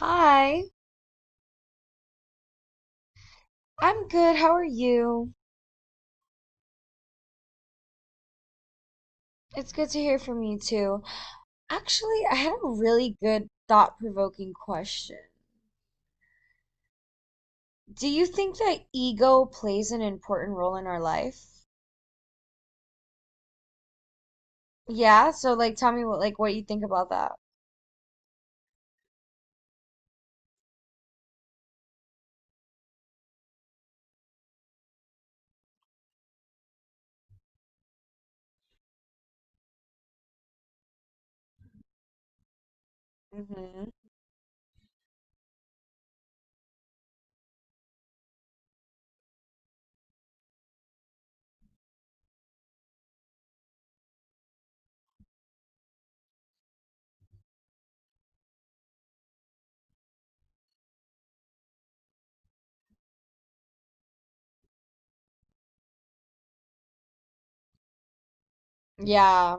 Hi, I'm good. How are you? It's good to hear from you too. Actually, I had a really good thought-provoking question. Do you think that ego plays an important role in our life? Yeah, so like tell me what you think about that. Hmm. Yeah,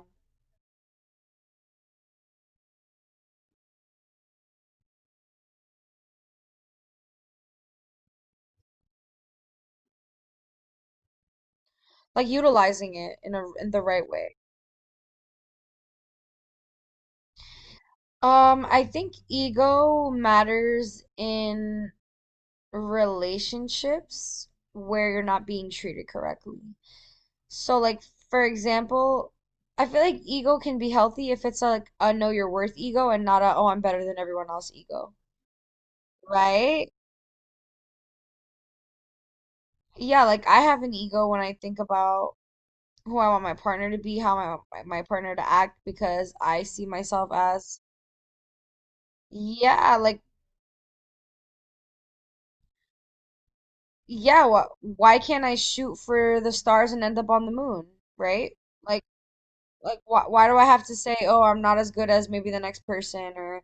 like utilizing it in the right way. I think ego matters in relationships where you're not being treated correctly. So like for example, I feel like ego can be healthy if it's like a know your worth ego and not a oh I'm better than everyone else ego, right? Yeah, like I have an ego when I think about who I want my partner to be, how I want my partner to act because I see myself as yeah, like yeah, what why can't I shoot for the stars and end up on the moon, right? Like like why do I have to say, "Oh, I'm not as good as maybe the next person," or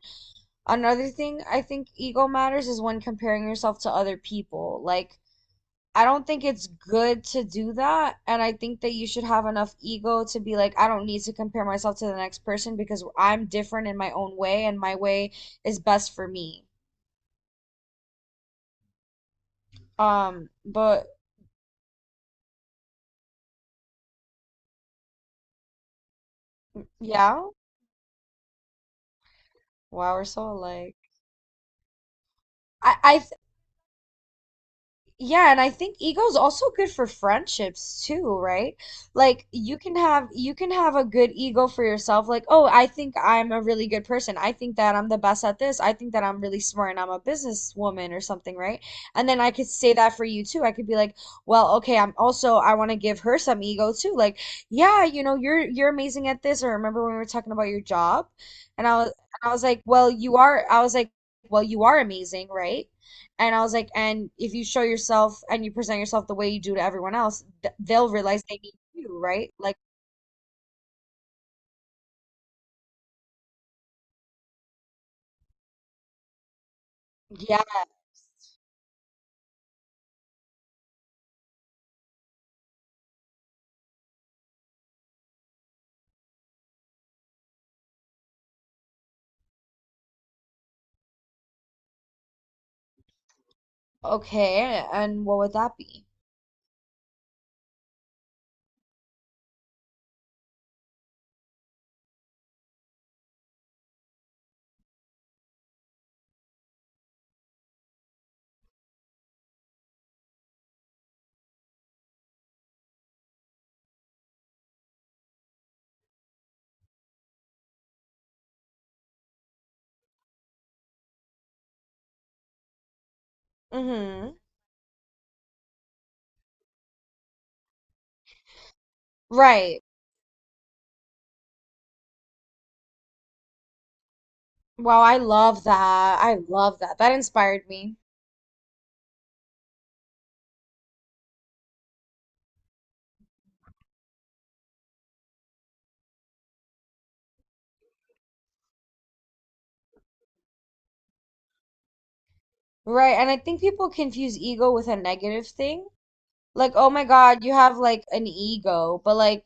another thing I think ego matters is when comparing yourself to other people. Like, I don't think it's good to do that. And I think that you should have enough ego to be like, I don't need to compare myself to the next person because I'm different in my own way and my way is best for me. But yeah, wow, we're so alike. I Yeah, and I think ego's also good for friendships too, right? Like you can have a good ego for yourself, like, oh, I think I'm a really good person. I think that I'm the best at this. I think that I'm really smart and I'm a businesswoman or something, right? And then I could say that for you too. I could be like, well, okay, I'm also I want to give her some ego too. Like, yeah, you're amazing at this. Or remember when we were talking about your job? And I was like, well, you are I was like, well, you are amazing, right? And I was like, and if you show yourself and you present yourself the way you do to everyone else, th they'll realize they need you, right? Like, yeah, okay. And what would that be? Hmm. Right. Wow, I love that. I love that. That inspired me. Right. And I think people confuse ego with a negative thing. Like, oh my God, you have like an ego, but like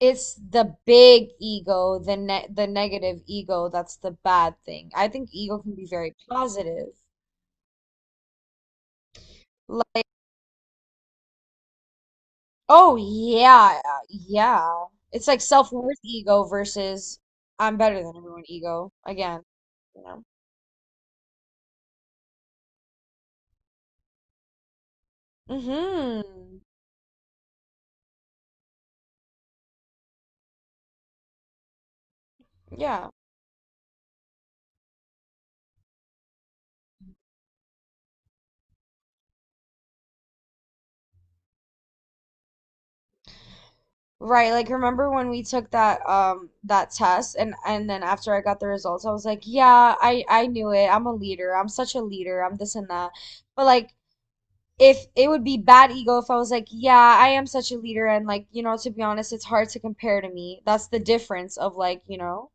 it's the big ego, the negative ego that's the bad thing. I think ego can be very positive. Oh yeah, yeah. It's like self-worth ego versus I'm better than everyone ego again, you know. Mm-hmm. Yeah. Right, like remember when we took that test and then after I got the results I was like, "Yeah, I knew it. I'm a leader. I'm such a leader. I'm this and that." But like if it would be bad ego if I was like, "Yeah, I am such a leader and like, you know, to be honest, it's hard to compare to me." That's the difference of like, you know.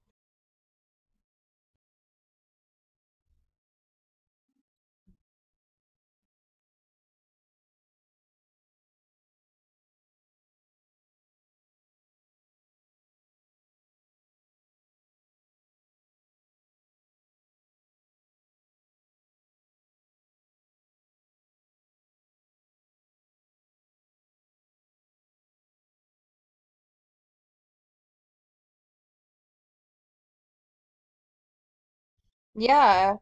Yeah.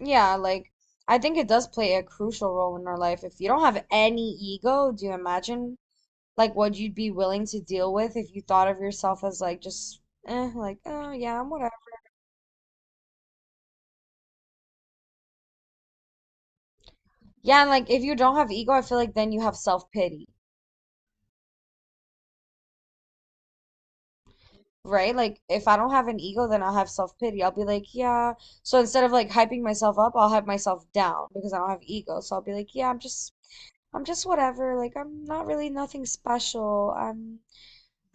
Yeah, like I think it does play a crucial role in our life. If you don't have any ego, do you imagine like what you'd be willing to deal with if you thought of yourself as like just like oh yeah, I'm whatever. Yeah, and like if you don't have ego, I feel like then you have self-pity, right? Like if I don't have an ego, then I'll have self-pity. I'll be like, yeah. So instead of like hyping myself up, I'll hype myself down because I don't have ego. So I'll be like, yeah, I'm just whatever. Like I'm not really nothing special. I'm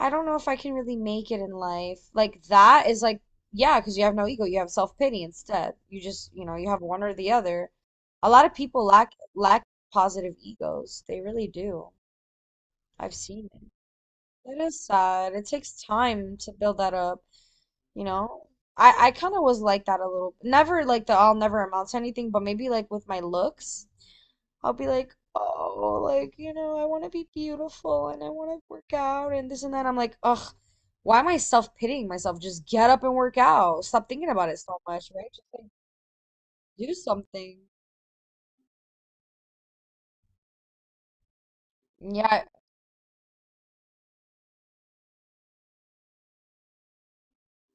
I don't know if I can really make it in life. Like that is like, yeah, because you have no ego, you have self-pity instead. You just, you have one or the other. A lot of people lack positive egos. They really do. I've seen it. It is sad. It takes time to build that up, you know? I kind of was like that a little. Never like the I'll never amount to anything, but maybe like with my looks. I'll be like, oh, like, I want to be beautiful and I want to work out and this and that. I'm like, ugh, why am I self-pitying myself? Just get up and work out. Stop thinking about it so much, right? Just like do something. Yeah.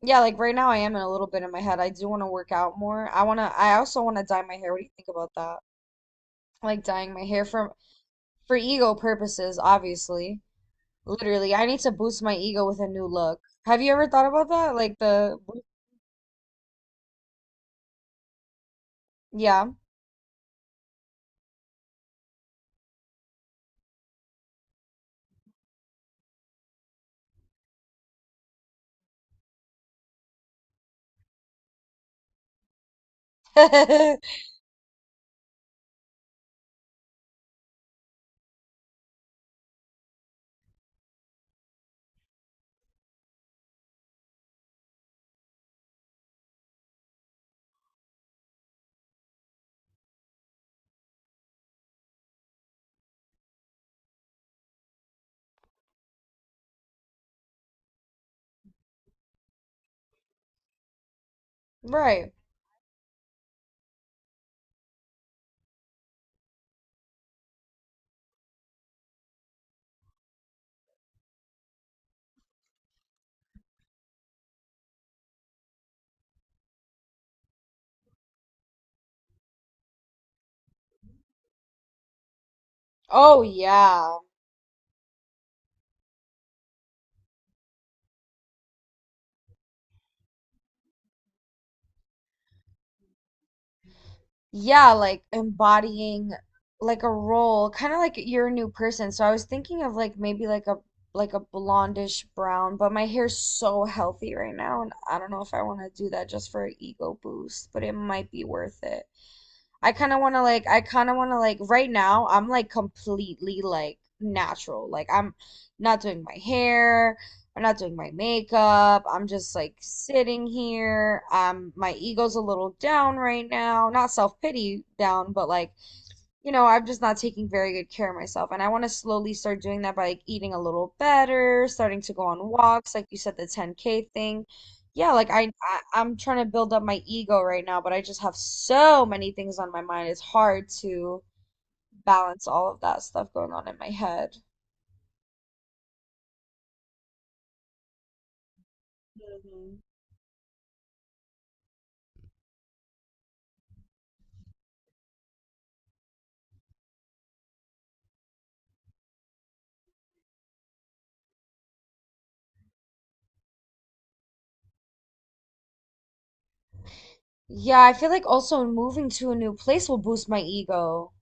Yeah, like right now I am in a little bit in my head. I do want to work out more. I also want to dye my hair. What do you think about that? Like dyeing my hair from for ego purposes, obviously. Literally, I need to boost my ego with a new look. Have you ever thought about that? Like the, yeah. Right. Oh yeah. Yeah, like embodying like a role, kind of like you're a new person. So I was thinking of like maybe like a blondish brown, but my hair's so healthy right now and I don't know if I want to do that just for an ego boost, but it might be worth it. I kind of want to like right now I'm like completely like natural. Like I'm not doing my hair, I'm not doing my makeup. I'm just like sitting here. My ego's a little down right now. Not self-pity down, but like I'm just not taking very good care of myself. And I want to slowly start doing that by like eating a little better, starting to go on walks, like you said, the 10K thing. Yeah, like I'm trying to build up my ego right now, but I just have so many things on my mind. It's hard to balance all of that stuff going on in my head. Mhm. Yeah, I feel like also moving to a new place will boost my ego.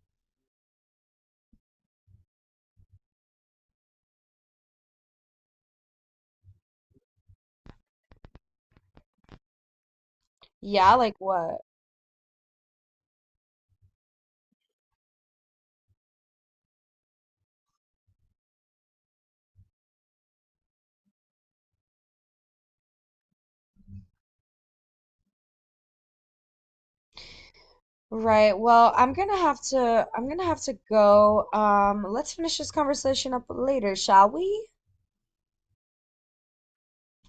Yeah, like what? Right. Well, I'm gonna have to go. Let's finish this conversation up later, shall we?